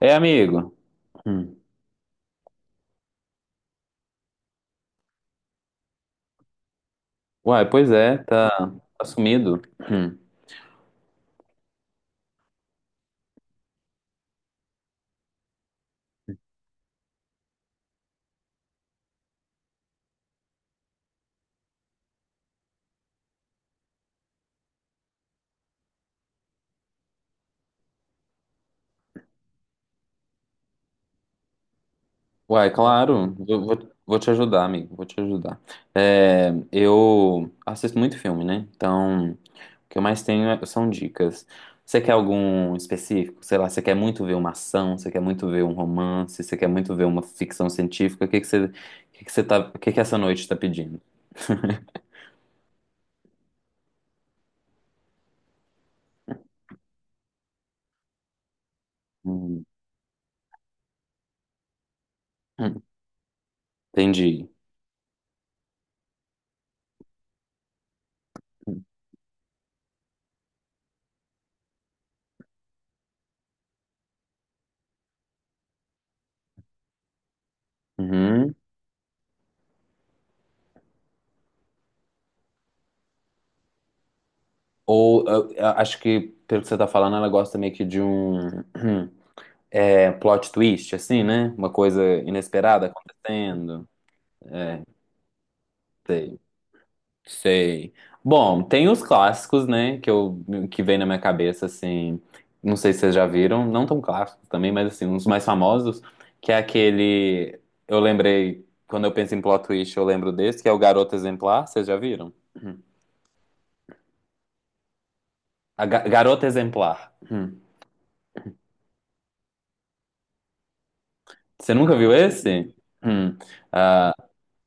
É, amigo. Hum. Uai, pois é, tá sumido. Hum. Uai, claro, eu vou te ajudar, amigo, vou te ajudar. É, eu assisto muito filme, né? Então, o que eu mais tenho são dicas. Você quer algum específico? Sei lá, você quer muito ver uma ação, você quer muito ver um romance, você quer muito ver uma ficção científica? O que que você tá, o que que essa noite tá pedindo? Hum. Entendi. Uhum. Ou eu acho que, pelo que você tá falando, ela gosta meio que de um plot twist, assim, né? Uma coisa inesperada acontecendo. Sei, sei. Bom, tem os clássicos, né? Que vem na minha cabeça, assim. Não sei se vocês já viram, não tão clássicos também, mas assim, uns mais famosos, que é aquele. Eu lembrei, quando eu penso em plot twist, eu lembro desse, que é o Garota Exemplar, vocês já viram? Hum. A Garota Exemplar. Hum. Você nunca viu esse? Hum.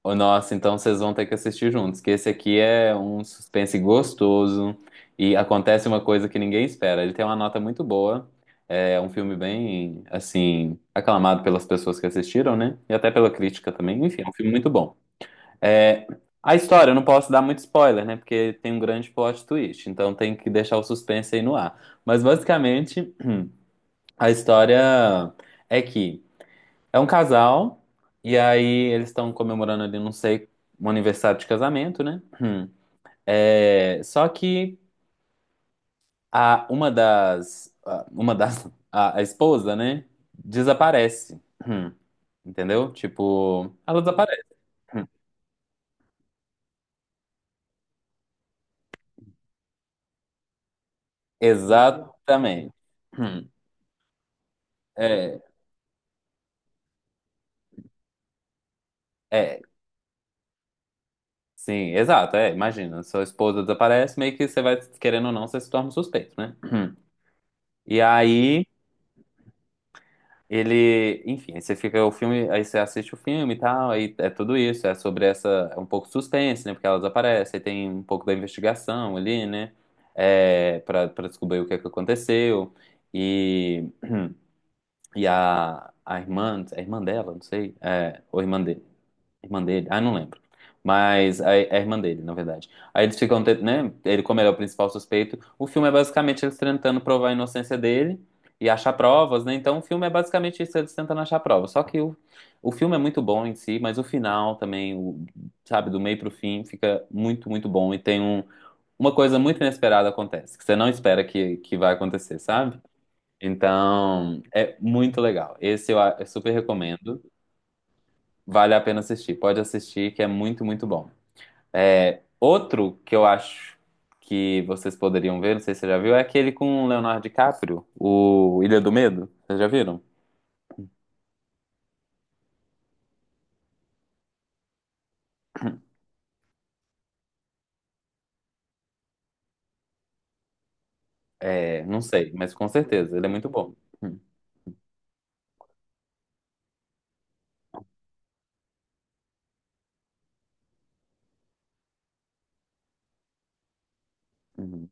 Ô, nossa, então vocês vão ter que assistir juntos, que esse aqui é um suspense gostoso e acontece uma coisa que ninguém espera. Ele tem uma nota muito boa, é um filme bem, assim, aclamado pelas pessoas que assistiram, né? E até pela crítica também. Enfim, é um filme muito bom. É, a história, eu não posso dar muito spoiler, né? Porque tem um grande plot twist, então tem que deixar o suspense aí no ar. Mas basicamente, a história é que é um casal, e aí eles estão comemorando ali, não sei, um aniversário de casamento, né? Hum. É, só que a esposa, né? Desaparece. Hum. Entendeu? Tipo, ela desaparece. Hum. Exatamente. Hum. É, é, sim, exato. É, imagina, sua esposa desaparece, meio que você vai, querendo ou não, você se torna um suspeito, né? Hum. E aí. Ele, enfim, aí você fica o filme, aí você assiste o filme e tal, aí é tudo isso, é sobre essa, é um pouco suspense, né, porque elas aparecem, aí tem um pouco da investigação ali, né, pra descobrir o que é que aconteceu, e, e a irmã dela, não sei, ou irmã de. Irmã dele? Ah, não lembro. Mas é a irmã dele, na verdade. Aí eles ficam, né? Ele, como ele é o principal suspeito, o filme é basicamente eles tentando provar a inocência dele e achar provas, né? Então o filme é basicamente isso, eles tentando achar provas. Só que o filme é muito bom em si, mas o final também, sabe, do meio pro fim, fica muito, muito bom. E tem uma coisa muito inesperada acontece, que você não espera que vai acontecer, sabe? Então, é muito legal. Esse eu super recomendo. Vale a pena assistir. Pode assistir, que é muito, muito bom. É, outro que eu acho que vocês poderiam ver, não sei se você já viu, é aquele com o Leonardo DiCaprio, o Ilha do Medo. Vocês já viram? É, não sei, mas com certeza, ele é muito bom. Hum, uhum.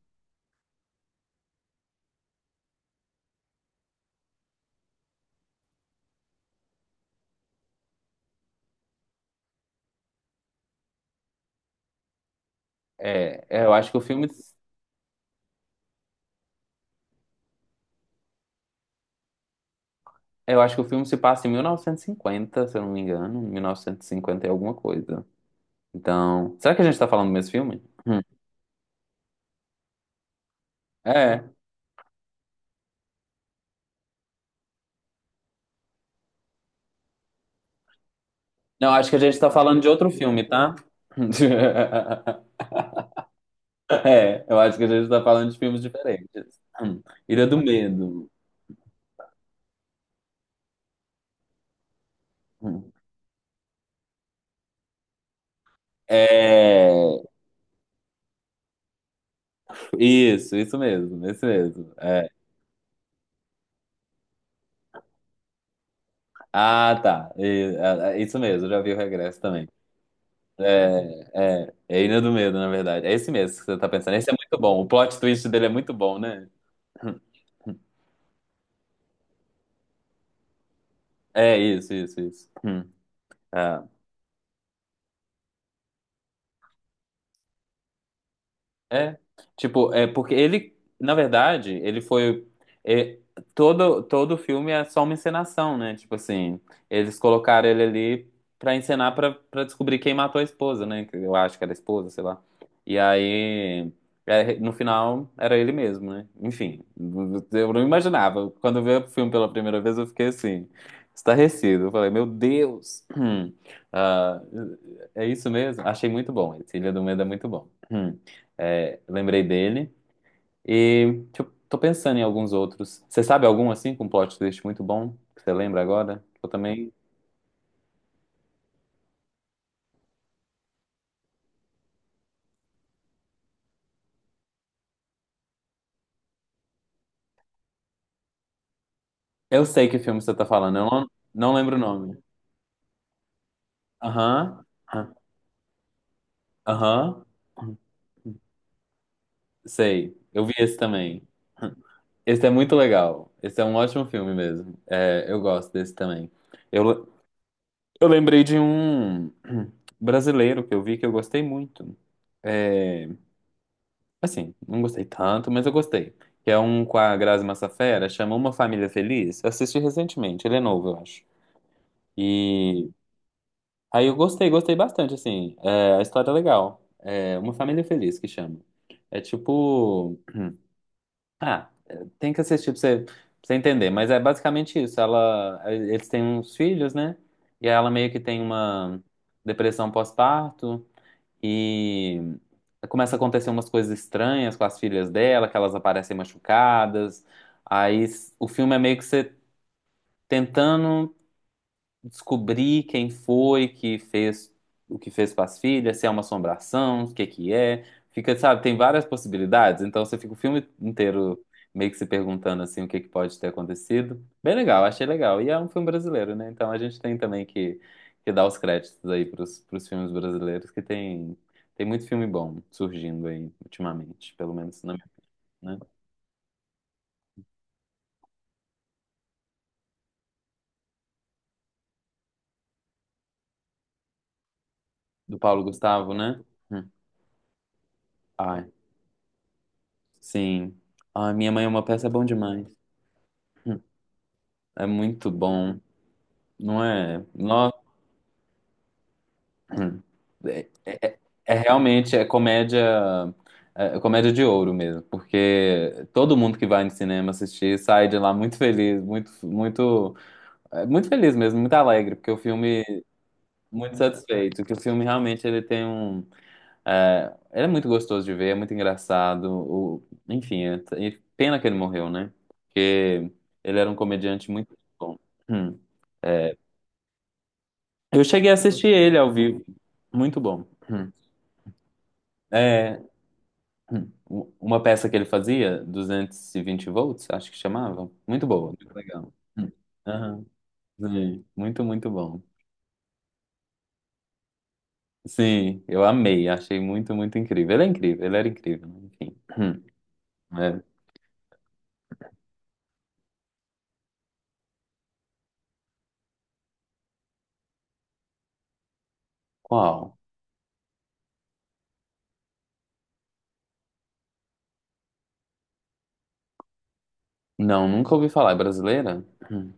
É, é, eu acho que o filme, eu acho que o filme se passa em 1950, se eu não me engano, 1950 e cinquenta e alguma coisa. Então, será que a gente tá falando do mesmo filme? Hum. É. Não, acho que a gente tá falando de outro filme, tá? É, eu acho que a gente tá falando de filmes diferentes. Hum. Ilha do Medo. Hum. É, isso mesmo, isso mesmo. É. Ah, tá. Isso mesmo, já vi o Regresso também. É Ilha do Medo, na verdade. É esse mesmo que você tá pensando. Esse é muito bom. O plot twist dele é muito bom, né? É isso, isso, isso. Hum. É. É, tipo, é porque ele, na verdade, ele foi é, todo todo o filme é só uma encenação, né? Tipo assim, eles colocaram ele ali pra encenar pra para descobrir quem matou a esposa, né? Que eu acho que era a esposa, sei lá. E aí, no final era ele mesmo, né? Enfim, eu não imaginava. Quando eu vi o filme pela primeira vez, eu fiquei assim, estarrecido. Eu falei, meu Deus. Ah, é isso mesmo? Achei muito bom. Esse Ilha do Medo é muito bom. É, lembrei dele. E tipo, tô pensando em alguns outros. Você sabe algum assim com plot twist muito bom que você lembra agora? Eu também. Eu sei que filme você tá falando, eu não, não lembro o nome. Aham. Aham. Aham. Sei. Eu vi esse também. Esse é muito legal. Esse é um ótimo filme mesmo. É, eu gosto desse também. Eu, eu lembrei de um brasileiro que eu vi que eu gostei muito. É, assim, não gostei tanto, mas eu gostei. Que é um com a Grazi Massafera, chama Uma Família Feliz. Eu assisti recentemente, ele é novo, eu acho. E aí eu gostei bastante, assim. É, a história é legal. É Uma Família Feliz que chama. É tipo. Ah, é, tem que assistir pra você, entender, mas é basicamente isso. Eles têm uns filhos, né? E ela meio que tem uma depressão pós-parto. E começa a acontecer umas coisas estranhas com as filhas dela, que elas aparecem machucadas. O filme é meio que você tentando descobrir quem foi que fez o que fez com as filhas, se é uma assombração, o que que é. Fica, sabe, tem várias possibilidades, então você fica o filme inteiro meio que se perguntando assim o que que pode ter acontecido. Bem legal, achei legal. E é um filme brasileiro, né? Então a gente tem também que dar os créditos aí pros filmes brasileiros, que tem muito filme bom surgindo aí ultimamente, pelo menos na minha, né? Do Paulo Gustavo, né? Hum. Ai, sim. Ai, Minha Mãe é uma Peça é bom demais. Hum. É muito bom, não é? Nossa, é, é- é é realmente é comédia, é comédia de ouro mesmo, porque todo mundo que vai no cinema assistir sai de lá muito feliz, muito, muito, muito feliz mesmo, muito alegre, porque o filme muito satisfeito, que o filme realmente ele tem é, ele é muito gostoso de ver, é muito engraçado, enfim, e pena que ele morreu, né? Porque ele era um comediante muito bom. Hum. Eu cheguei a assistir ele ao vivo. Muito bom. Hum. É, uma peça que ele fazia, 220 volts, acho que chamava. Muito boa, muito legal. Hum. Aham, sim, muito, muito bom. Sim, eu amei, achei muito, muito incrível. Ele é incrível, ele era incrível, né? Enfim. Hum. É. Qual? Não, nunca ouvi falar. É brasileira? Hum.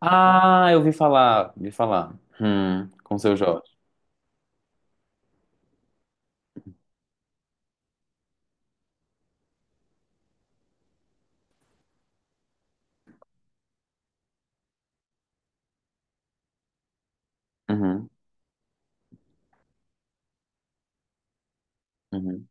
Ah, eu ouvi falar, ouvi falar. Com o Seu Jorge. Uhum, uhum.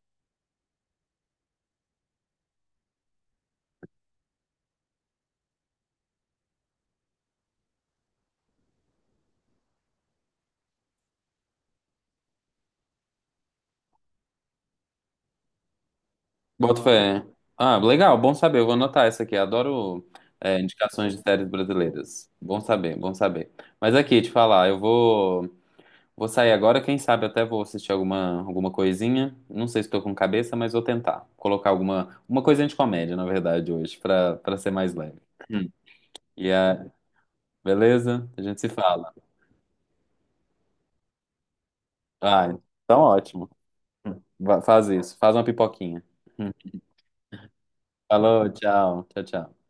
Boto fé. Ah, legal, bom saber. Eu vou anotar essa aqui. Adoro, indicações de séries brasileiras. Bom saber, bom saber. Mas aqui, te falar, eu vou sair agora. Quem sabe até vou assistir alguma, alguma coisinha. Não sei se tô com cabeça, mas vou tentar colocar alguma uma coisinha de comédia, na verdade, hoje, pra ser mais leve. Hum. E a, beleza? A gente se fala. Ah, então ótimo. Hum. Faz isso, faz uma pipoquinha. Hum. Falou, tchau, tchau, tchau.